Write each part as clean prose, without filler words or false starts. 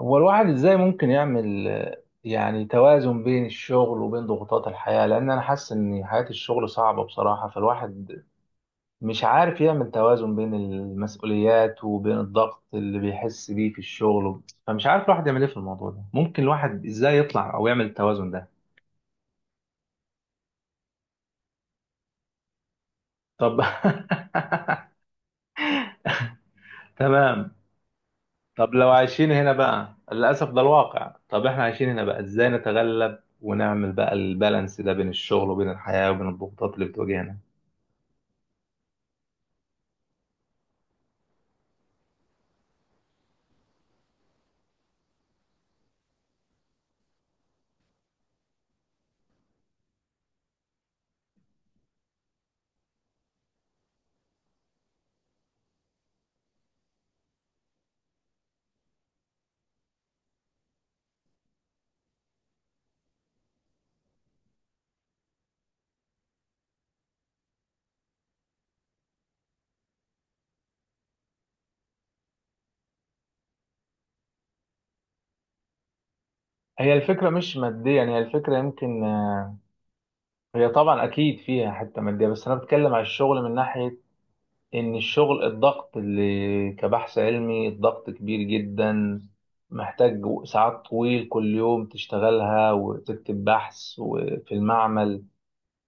هو الواحد ازاي ممكن يعمل يعني توازن بين الشغل وبين ضغوطات الحياة، لان انا حاسس ان حياة الشغل صعبة بصراحة. فالواحد مش عارف يعمل توازن بين المسؤوليات وبين الضغط اللي بيحس بيه في الشغل. فمش عارف الواحد يعمل ايه في الموضوع ده؟ ممكن الواحد ازاي يطلع او يعمل التوازن ده؟ طب. تمام. طب لو عايشين هنا بقى للأسف ده الواقع، طب احنا عايشين هنا بقى ازاي نتغلب ونعمل بقى البالانس ده بين الشغل وبين الحياة وبين الضغوطات اللي بتواجهنا؟ هي الفكرة مش مادية يعني، هي الفكرة يمكن هي طبعا أكيد فيها حتة مادية، بس أنا بتكلم على الشغل من ناحية إن الشغل، الضغط اللي كبحث علمي الضغط كبير جدا، محتاج ساعات طويل كل يوم تشتغلها وتكتب بحث وفي المعمل.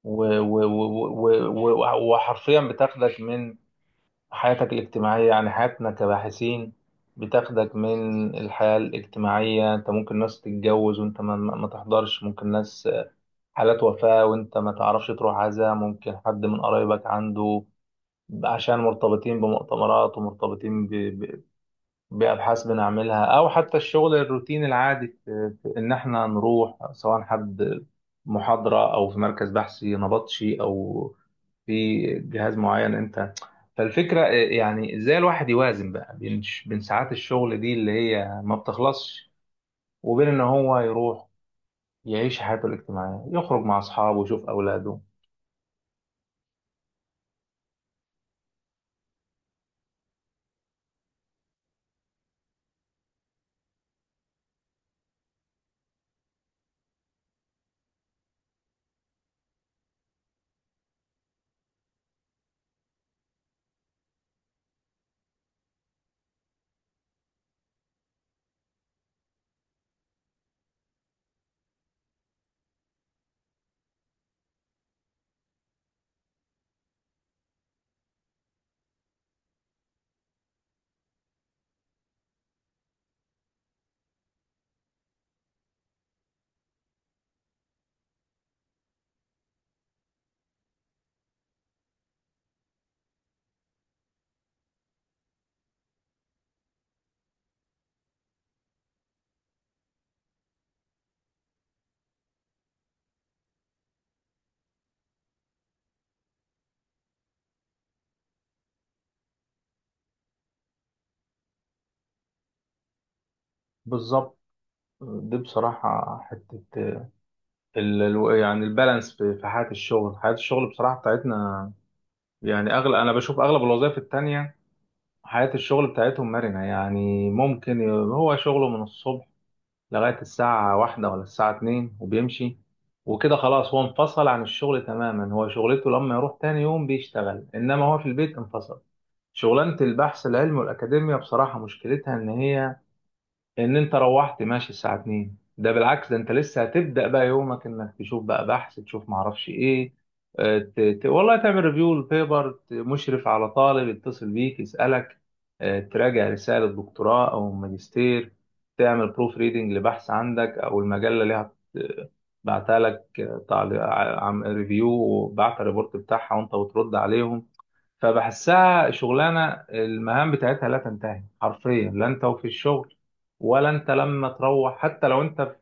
وحرفيا بتاخدك من حياتك الاجتماعية، يعني حياتنا كباحثين بتاخدك من الحياة الاجتماعية. انت ممكن ناس تتجوز وانت ما تحضرش، ممكن ناس حالات وفاة وانت ما تعرفش تروح عزاء، ممكن حد من قرايبك عنده، عشان مرتبطين بمؤتمرات ومرتبطين بأبحاث بنعملها، أو حتى الشغل الروتين العادي في إن إحنا نروح سواء حد محاضرة أو في مركز بحثي نبطشي أو في جهاز معين أنت. فالفكرة إيه، يعني إزاي الواحد يوازن بقى بين ساعات الشغل دي اللي هي ما بتخلصش، وبين إن هو يروح يعيش حياته الاجتماعية، يخرج مع أصحابه ويشوف أولاده. بالظبط. دي بصراحة حتة يعني البالانس في حياة الشغل، حياة الشغل بصراحة بتاعتنا. يعني أغلب، أنا بشوف أغلب الوظائف التانية حياة الشغل بتاعتهم مرنة. يعني ممكن هو شغله من الصبح لغاية الساعة 1 ولا الساعة 2 وبيمشي، وكده خلاص هو انفصل عن الشغل تماما. هو شغلته لما يروح تاني يوم بيشتغل، إنما هو في البيت انفصل. شغلانة البحث العلمي والأكاديمية بصراحة مشكلتها إن هي، ان انت روحت ماشي الساعة 2، ده بالعكس ده انت لسه هتبدأ بقى يومك، انك تشوف بقى بحث، تشوف معرفش ايه. والله تعمل ريفيو للبيبر، مشرف على طالب يتصل بيك يسألك، تراجع رسالة دكتوراه او ماجستير، تعمل بروف ريدنج لبحث عندك، او المجلة اللي بعتها لك، تعليق عم ريفيو وبعت الريبورت بتاعها وانت بترد عليهم. فبحسها شغلانه المهام بتاعتها لا تنتهي حرفيا، لا انت وفي الشغل ولا انت لما تروح. حتى لو انت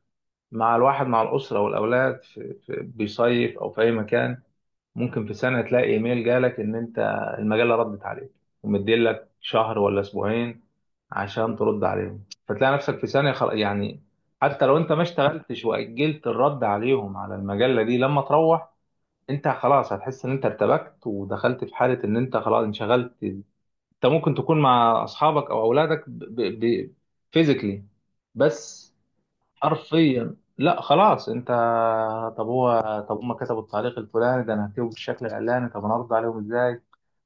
مع الواحد مع الاسره والاولاد في بيصيف او في اي مكان، ممكن في سنه تلاقي ايميل جالك ان انت المجله ردت عليك ومديلك شهر ولا اسبوعين عشان ترد عليهم، فتلاقي نفسك في ثانيه يعني حتى لو انت ما اشتغلتش واجلت الرد عليهم على المجله دي لما تروح، انت خلاص هتحس ان انت ارتبكت ودخلت في حاله ان انت خلاص انشغلت. انت ممكن تكون مع اصحابك او اولادك فيزيكلي بس. حرفيا لا خلاص انت. طب هو طب هم كتبوا التعليق الفلاني ده، انا هكتبه بالشكل الاعلاني، طب انا ارد عليهم ازاي،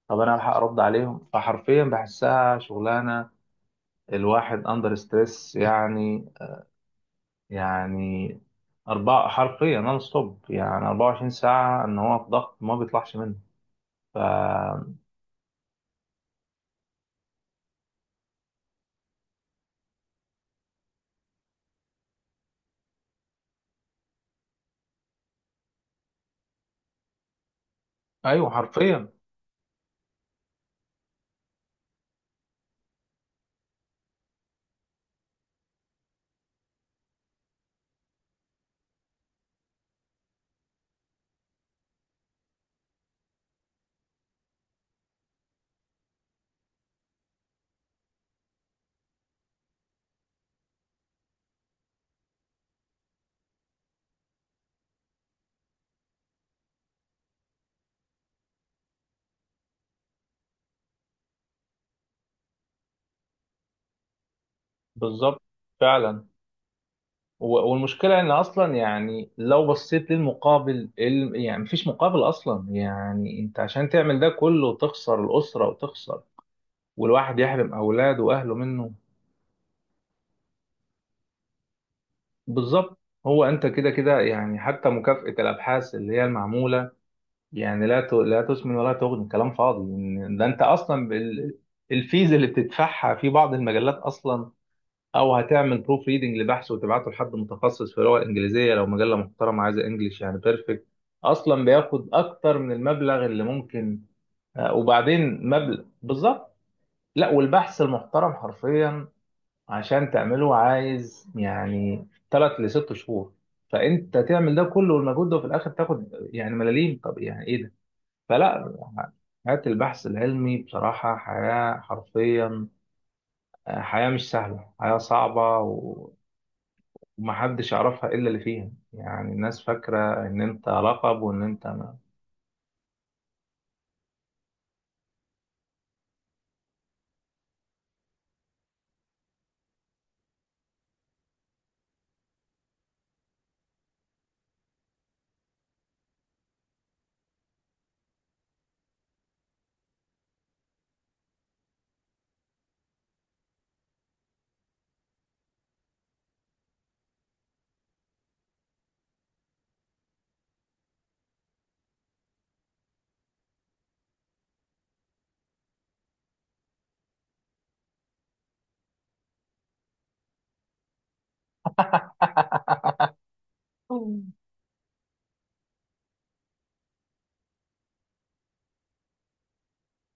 طب انا الحق ارد عليهم. فحرفيا بحسها شغلانه الواحد اندر ستريس يعني. يعني أربعة حرفيا نون ستوب، يعني 24 ساعة إن هو في ضغط ما بيطلعش منه. ف ايوه حرفيا. بالظبط فعلا. و- والمشكله ان اصلا يعني لو بصيت للمقابل يعني مفيش مقابل اصلا. يعني انت عشان تعمل ده كله وتخسر الاسره وتخسر، والواحد يحرم اولاده واهله منه. بالظبط. هو انت كده كده، يعني حتى مكافاه الابحاث اللي هي المعموله يعني لا تسمن ولا تغني، كلام فاضي. إن ده انت اصلا الفيز اللي بتدفعها في بعض المجلات اصلا، او هتعمل بروف ريدنج لبحث وتبعته لحد متخصص في اللغه الانجليزيه، لو مجله محترمه عايزه انجليش يعني بيرفكت، اصلا بياخد اكتر من المبلغ اللي ممكن، وبعدين مبلغ بالظبط. لا، والبحث المحترم حرفيا عشان تعمله عايز يعني ثلاث لست شهور، فانت تعمل ده كله والمجهود ده وفي الاخر تاخد يعني ملاليم. طب يعني ايه ده؟ فلا. حياة البحث العلمي بصراحة حياة حرفيا، حياة مش سهلة، حياة صعبة. ومحدش يعرفها إلا اللي فيها، يعني الناس فاكرة إن أنت لقب وإن أنت ما...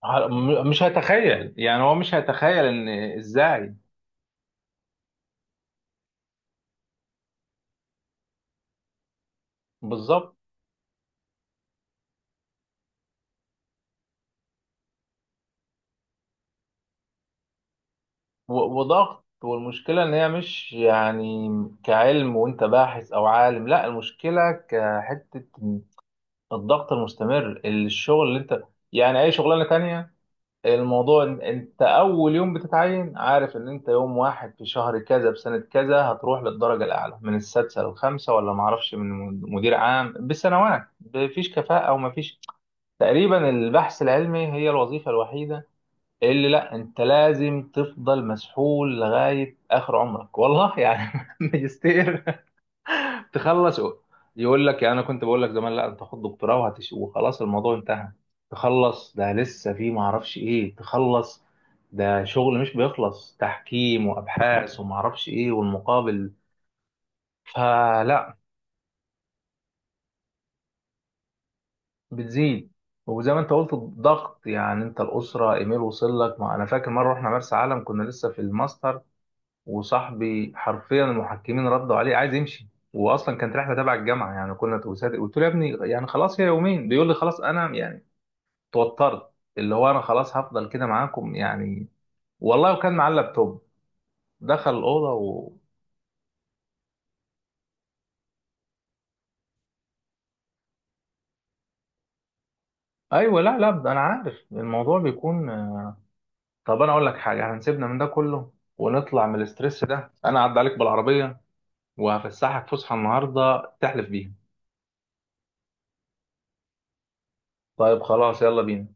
ع- م- مش هيتخيل يعني. هو مش هيتخيل إن إزاي. بالظبط. وضغط. والمشكلة إن هي مش يعني كعلم وأنت باحث أو عالم، لا، المشكلة كحتة الضغط المستمر، الشغل اللي أنت، يعني أي شغلانة تانية، الموضوع إن انت اول يوم بتتعين عارف ان انت يوم واحد في شهر كذا بسنة كذا هتروح للدرجة الاعلى من السادسة للخامسة ولا معرفش من مدير عام بسنوات. مفيش كفاءة او مفيش. تقريبا البحث العلمي هي الوظيفة الوحيدة اللي لا، انت لازم تفضل مسحول لغاية اخر عمرك والله يعني. ماجستير تخلص. يقول لك، يعني انا كنت بقول لك زمان لا انت خد دكتوراه وخلاص الموضوع انتهى. تخلص ده لسه في ما اعرفش ايه. تخلص، ده شغل مش بيخلص، تحكيم وابحاث وما اعرفش ايه، والمقابل. فلا. بتزيد. وزي ما انت قلت الضغط يعني انت الاسره، ايميل وصل لك. ما انا فاكر مره رحنا مرسى علم كنا لسه في الماستر، وصاحبي حرفيا المحكمين ردوا عليه، عايز يمشي. واصلا كانت رحله تبع الجامعه يعني، كنا قلت له يا ابني يعني خلاص هي يومين. بيقول لي خلاص انا يعني توترت، اللي هو انا خلاص هفضل كده معاكم يعني. والله. وكان معاه اللابتوب، دخل الاوضه ايوه لا لا ده انا عارف الموضوع بيكون. طب انا اقول لك حاجه، هنسيبنا من ده كله ونطلع من الاسترس ده، انا هعدي عليك بالعربيه وهفسحك فسحه النهارده تحلف بيها. طيب خلاص يلا بينا.